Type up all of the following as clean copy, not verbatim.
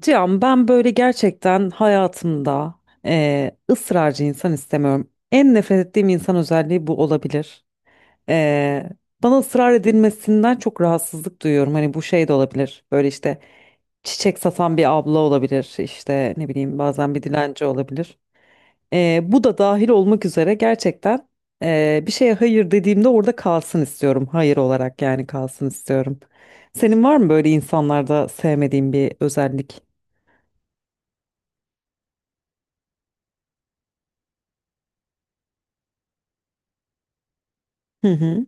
Cihan ben böyle gerçekten hayatımda ısrarcı insan istemiyorum. En nefret ettiğim insan özelliği bu olabilir. Eee, bana ısrar edilmesinden çok rahatsızlık duyuyorum. Hani bu şey de olabilir. Böyle işte çiçek satan bir abla olabilir. İşte ne bileyim bazen bir dilenci olabilir. Bu da dahil olmak üzere gerçekten bir şeye hayır dediğimde orada kalsın istiyorum. Hayır olarak yani kalsın istiyorum. Senin var mı böyle insanlarda sevmediğin bir özellik? Hı hı.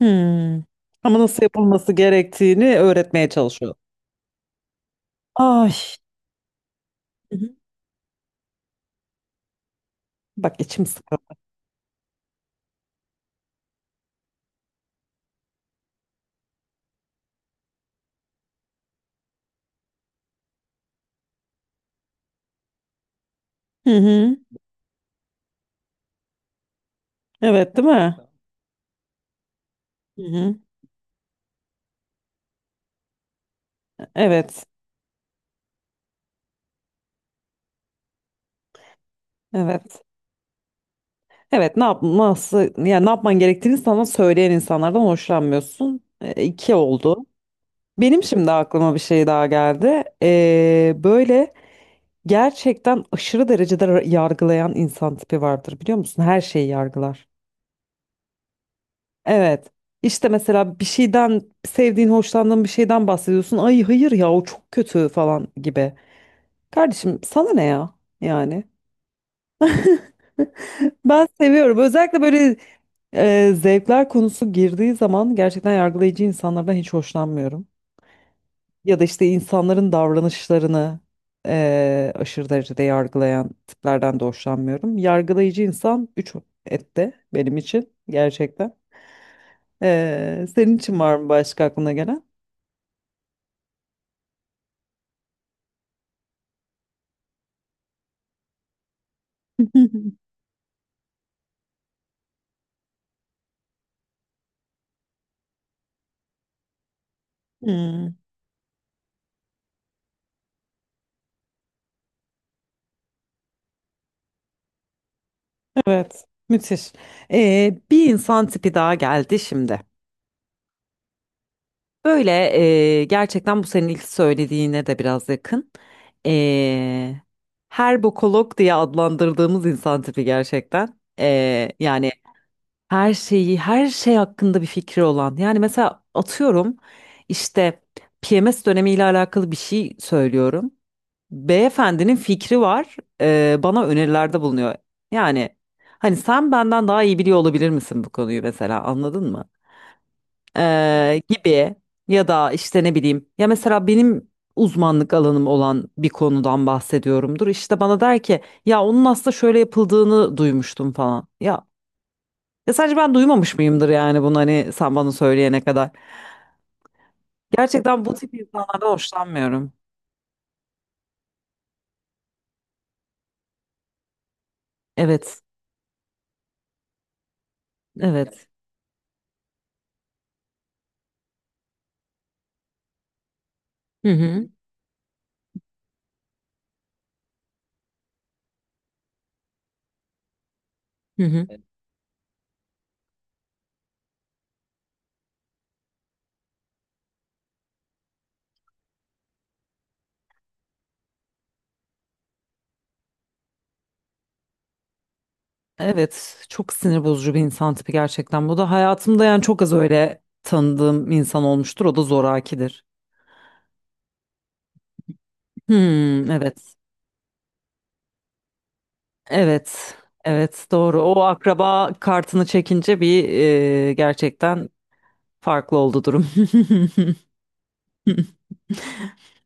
Hmm. Ama nasıl yapılması gerektiğini öğretmeye çalışıyor. Ay. Hı hı. Bak içim sıkıldı. Hı hı. Evet, değil mi? Hı hı. Evet, evet. Evet, ne yapması, yani ne yapman gerektiğini sana söyleyen insanlardan hoşlanmıyorsun. E, iki oldu. Benim şimdi aklıma bir şey daha geldi. E, böyle gerçekten aşırı derecede yargılayan insan tipi vardır biliyor musun? Her şeyi yargılar. Evet. İşte mesela bir şeyden sevdiğin, hoşlandığın bir şeyden bahsediyorsun. Ay hayır ya o çok kötü falan gibi. Kardeşim sana ne ya? Yani ben seviyorum. Özellikle böyle zevkler konusu girdiği zaman gerçekten yargılayıcı insanlardan hiç hoşlanmıyorum. Ya da işte insanların davranışlarını aşırı derecede yargılayan tiplerden de hoşlanmıyorum. Yargılayıcı insan üç ette benim için gerçekten. E, senin için var mı başka aklına gelen? Hmm, evet, müthiş. Bir insan tipi daha geldi şimdi. Böyle gerçekten bu senin ilk söylediğine de biraz yakın. Ee, her bokolog diye adlandırdığımız insan tipi gerçekten. Yani her şeyi, her şey hakkında bir fikri olan. Yani mesela atıyorum işte PMS dönemiyle alakalı bir şey söylüyorum. Beyefendinin fikri var, e, bana önerilerde bulunuyor. Yani hani sen benden daha iyi biliyor olabilir misin bu konuyu mesela anladın mı? E, gibi ya da işte ne bileyim ya mesela benim uzmanlık alanım olan bir konudan bahsediyorumdur. İşte bana der ki ya onun aslında şöyle yapıldığını duymuştum falan. Ya ya sadece ben duymamış mıyımdır yani bunu hani sen bana söyleyene kadar. Gerçekten bu tip insanlardan hoşlanmıyorum. Evet, evet. Hı hı, hı hı. Evet, çok sinir bozucu bir insan tipi gerçekten. Bu da hayatımda yani çok az öyle tanıdığım insan olmuştur. O da zorakidir. Hmm, evet. Evet. Evet, doğru. O akraba kartını çekince bir gerçekten farklı oldu durum.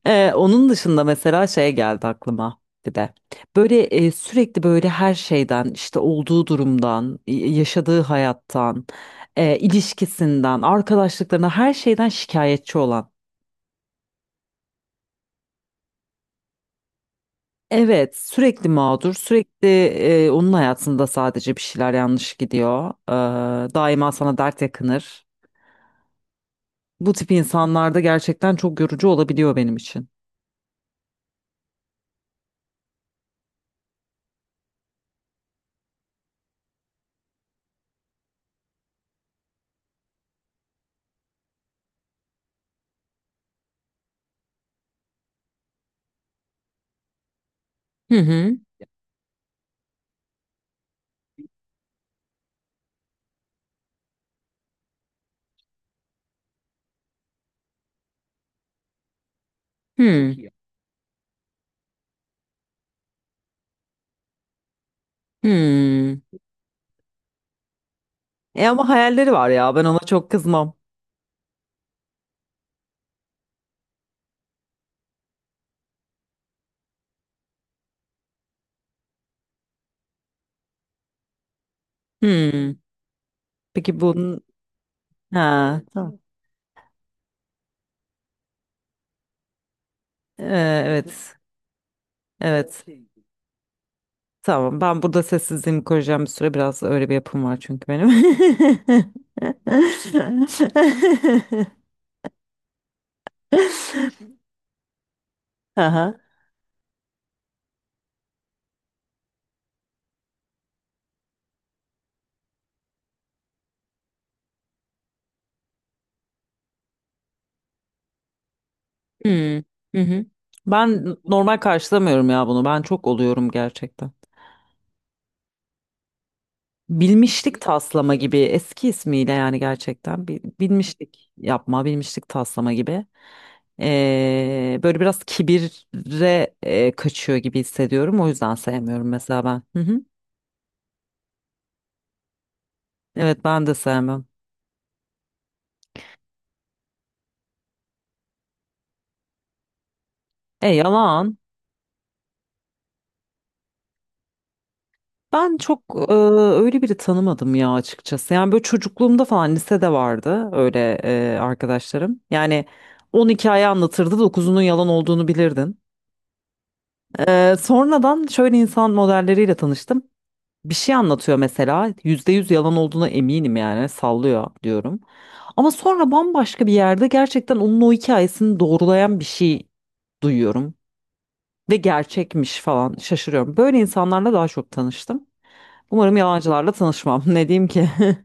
Onun dışında mesela şey geldi aklıma bir de. Böyle sürekli böyle her şeyden işte olduğu durumdan, yaşadığı hayattan, ilişkisinden, arkadaşlıklarına her şeyden şikayetçi olan. Evet, sürekli mağdur, sürekli onun hayatında sadece bir şeyler yanlış gidiyor. Daima sana dert yakınır. Bu tip insanlarda gerçekten çok yorucu olabiliyor benim için. Hı hı. Hı. Hı. E ama hayalleri var ya, ben ona çok kızmam. Hı. Peki bunun ha tamam. Evet. Evet. Tamam. Ben burada sessizliğimi koruyacağım bir süre. Biraz öyle bir yapım var çünkü benim. Aha. Hmm. Hı hı. Ben normal karşılamıyorum ya bunu. Ben çok oluyorum gerçekten. Bilmişlik taslama gibi eski ismiyle yani gerçekten bilmişlik yapma, bilmişlik taslama gibi. Böyle biraz kibire kaçıyor gibi hissediyorum. O yüzden sevmiyorum mesela ben. Hı hı. Evet ben de sevmem. E yalan. Ben çok öyle biri tanımadım ya açıkçası. Yani böyle çocukluğumda falan lisede vardı öyle arkadaşlarım. Yani 10 hikaye anlatırdı dokuzunun yalan olduğunu bilirdin. E, sonradan şöyle insan modelleriyle tanıştım. Bir şey anlatıyor mesela %100 yalan olduğuna eminim yani sallıyor diyorum. Ama sonra bambaşka bir yerde gerçekten onun o hikayesini doğrulayan bir şey duyuyorum ve gerçekmiş falan şaşırıyorum. Böyle insanlarla daha çok tanıştım. Umarım yalancılarla tanışmam. Ne diyeyim ki?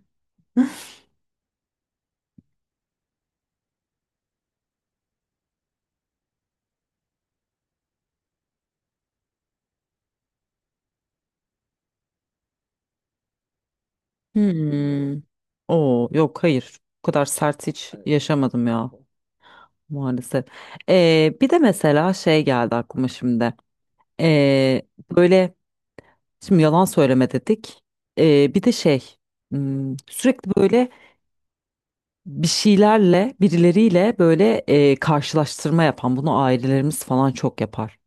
Hmm. Oo, yok hayır. Bu kadar sert hiç yaşamadım ya maalesef. Bir de mesela şey geldi aklıma şimdi. Ee, böyle şimdi yalan söyleme dedik. Bir de şey hmm, sürekli böyle bir şeylerle birileriyle böyle karşılaştırma yapan bunu ailelerimiz falan çok yapar.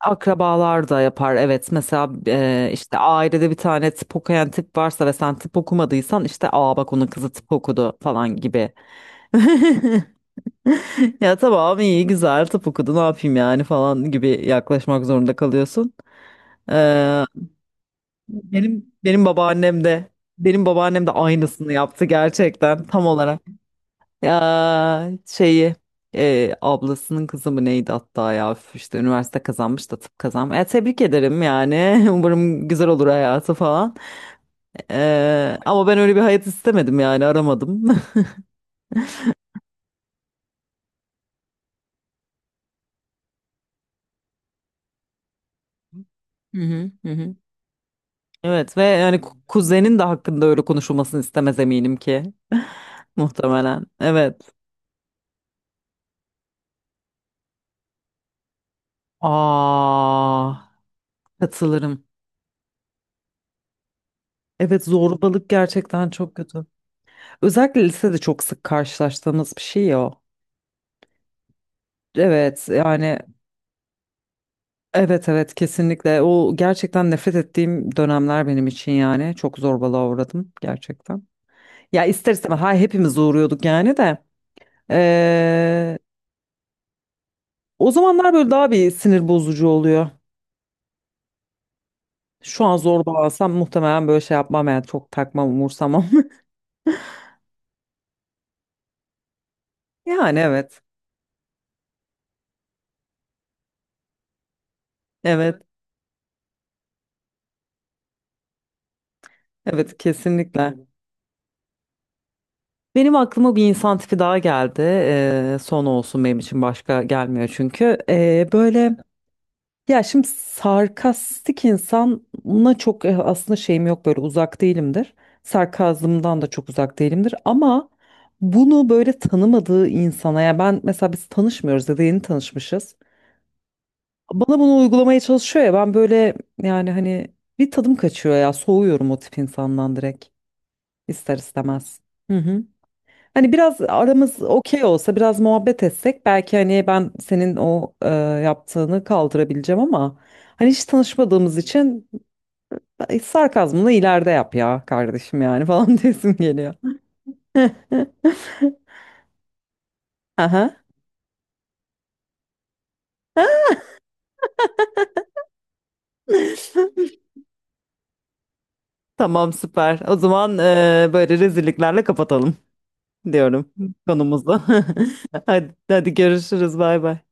Akrabalar da yapar evet mesela işte ailede bir tane tıp okuyan tip varsa ve sen tıp okumadıysan işte aa bak onun kızı tıp okudu falan gibi. Ya tamam iyi güzel tıp okudu ne yapayım yani falan gibi yaklaşmak zorunda kalıyorsun. Ee, benim babaannem de aynısını yaptı gerçekten tam olarak. Ya şeyi ablasının kızı mı neydi hatta ya üf, işte üniversite kazanmış da tıp kazanmış. E, tebrik ederim yani umarım güzel olur hayatı falan. E, ama ben öyle bir hayat istemedim yani aramadım. Hı hı, hı hı. Evet ve yani kuzenin de hakkında öyle konuşulmasını istemez eminim ki. Muhtemelen. Evet. Aa, katılırım. Evet zorbalık gerçekten çok kötü. Özellikle lisede çok sık karşılaştığımız bir şey ya o. Evet yani evet evet kesinlikle o gerçekten nefret ettiğim dönemler benim için yani çok zorbalığa uğradım gerçekten. Ya ister istemez ha hepimiz uğruyorduk yani de Ee, o zamanlar böyle daha bir sinir bozucu oluyor. Şu an zorbalansam muhtemelen böyle şey yapmam yani çok takmam umursamam. Yani evet, evet, evet, kesinlikle. Benim aklıma bir insan tipi daha geldi. Son olsun benim için başka gelmiyor çünkü. Böyle ya şimdi sarkastik insana çok aslında şeyim yok böyle uzak değilimdir. Sarkazmdan da çok uzak değilimdir ama bunu böyle tanımadığı insana ya ben mesela biz tanışmıyoruz ya da yeni tanışmışız. Bana bunu uygulamaya çalışıyor ya ben böyle yani hani bir tadım kaçıyor ya soğuyorum o tip insandan direkt ister istemez. Hani biraz aramız okey olsa biraz muhabbet etsek belki hani ben senin o yaptığını kaldırabileceğim ama hani hiç tanışmadığımız için sarkazmını ileride yap ya kardeşim yani falan desim geliyor. Aha. Tamam süper. O zaman böyle rezilliklerle kapatalım diyorum konumuzu. Hadi, hadi görüşürüz bay bay.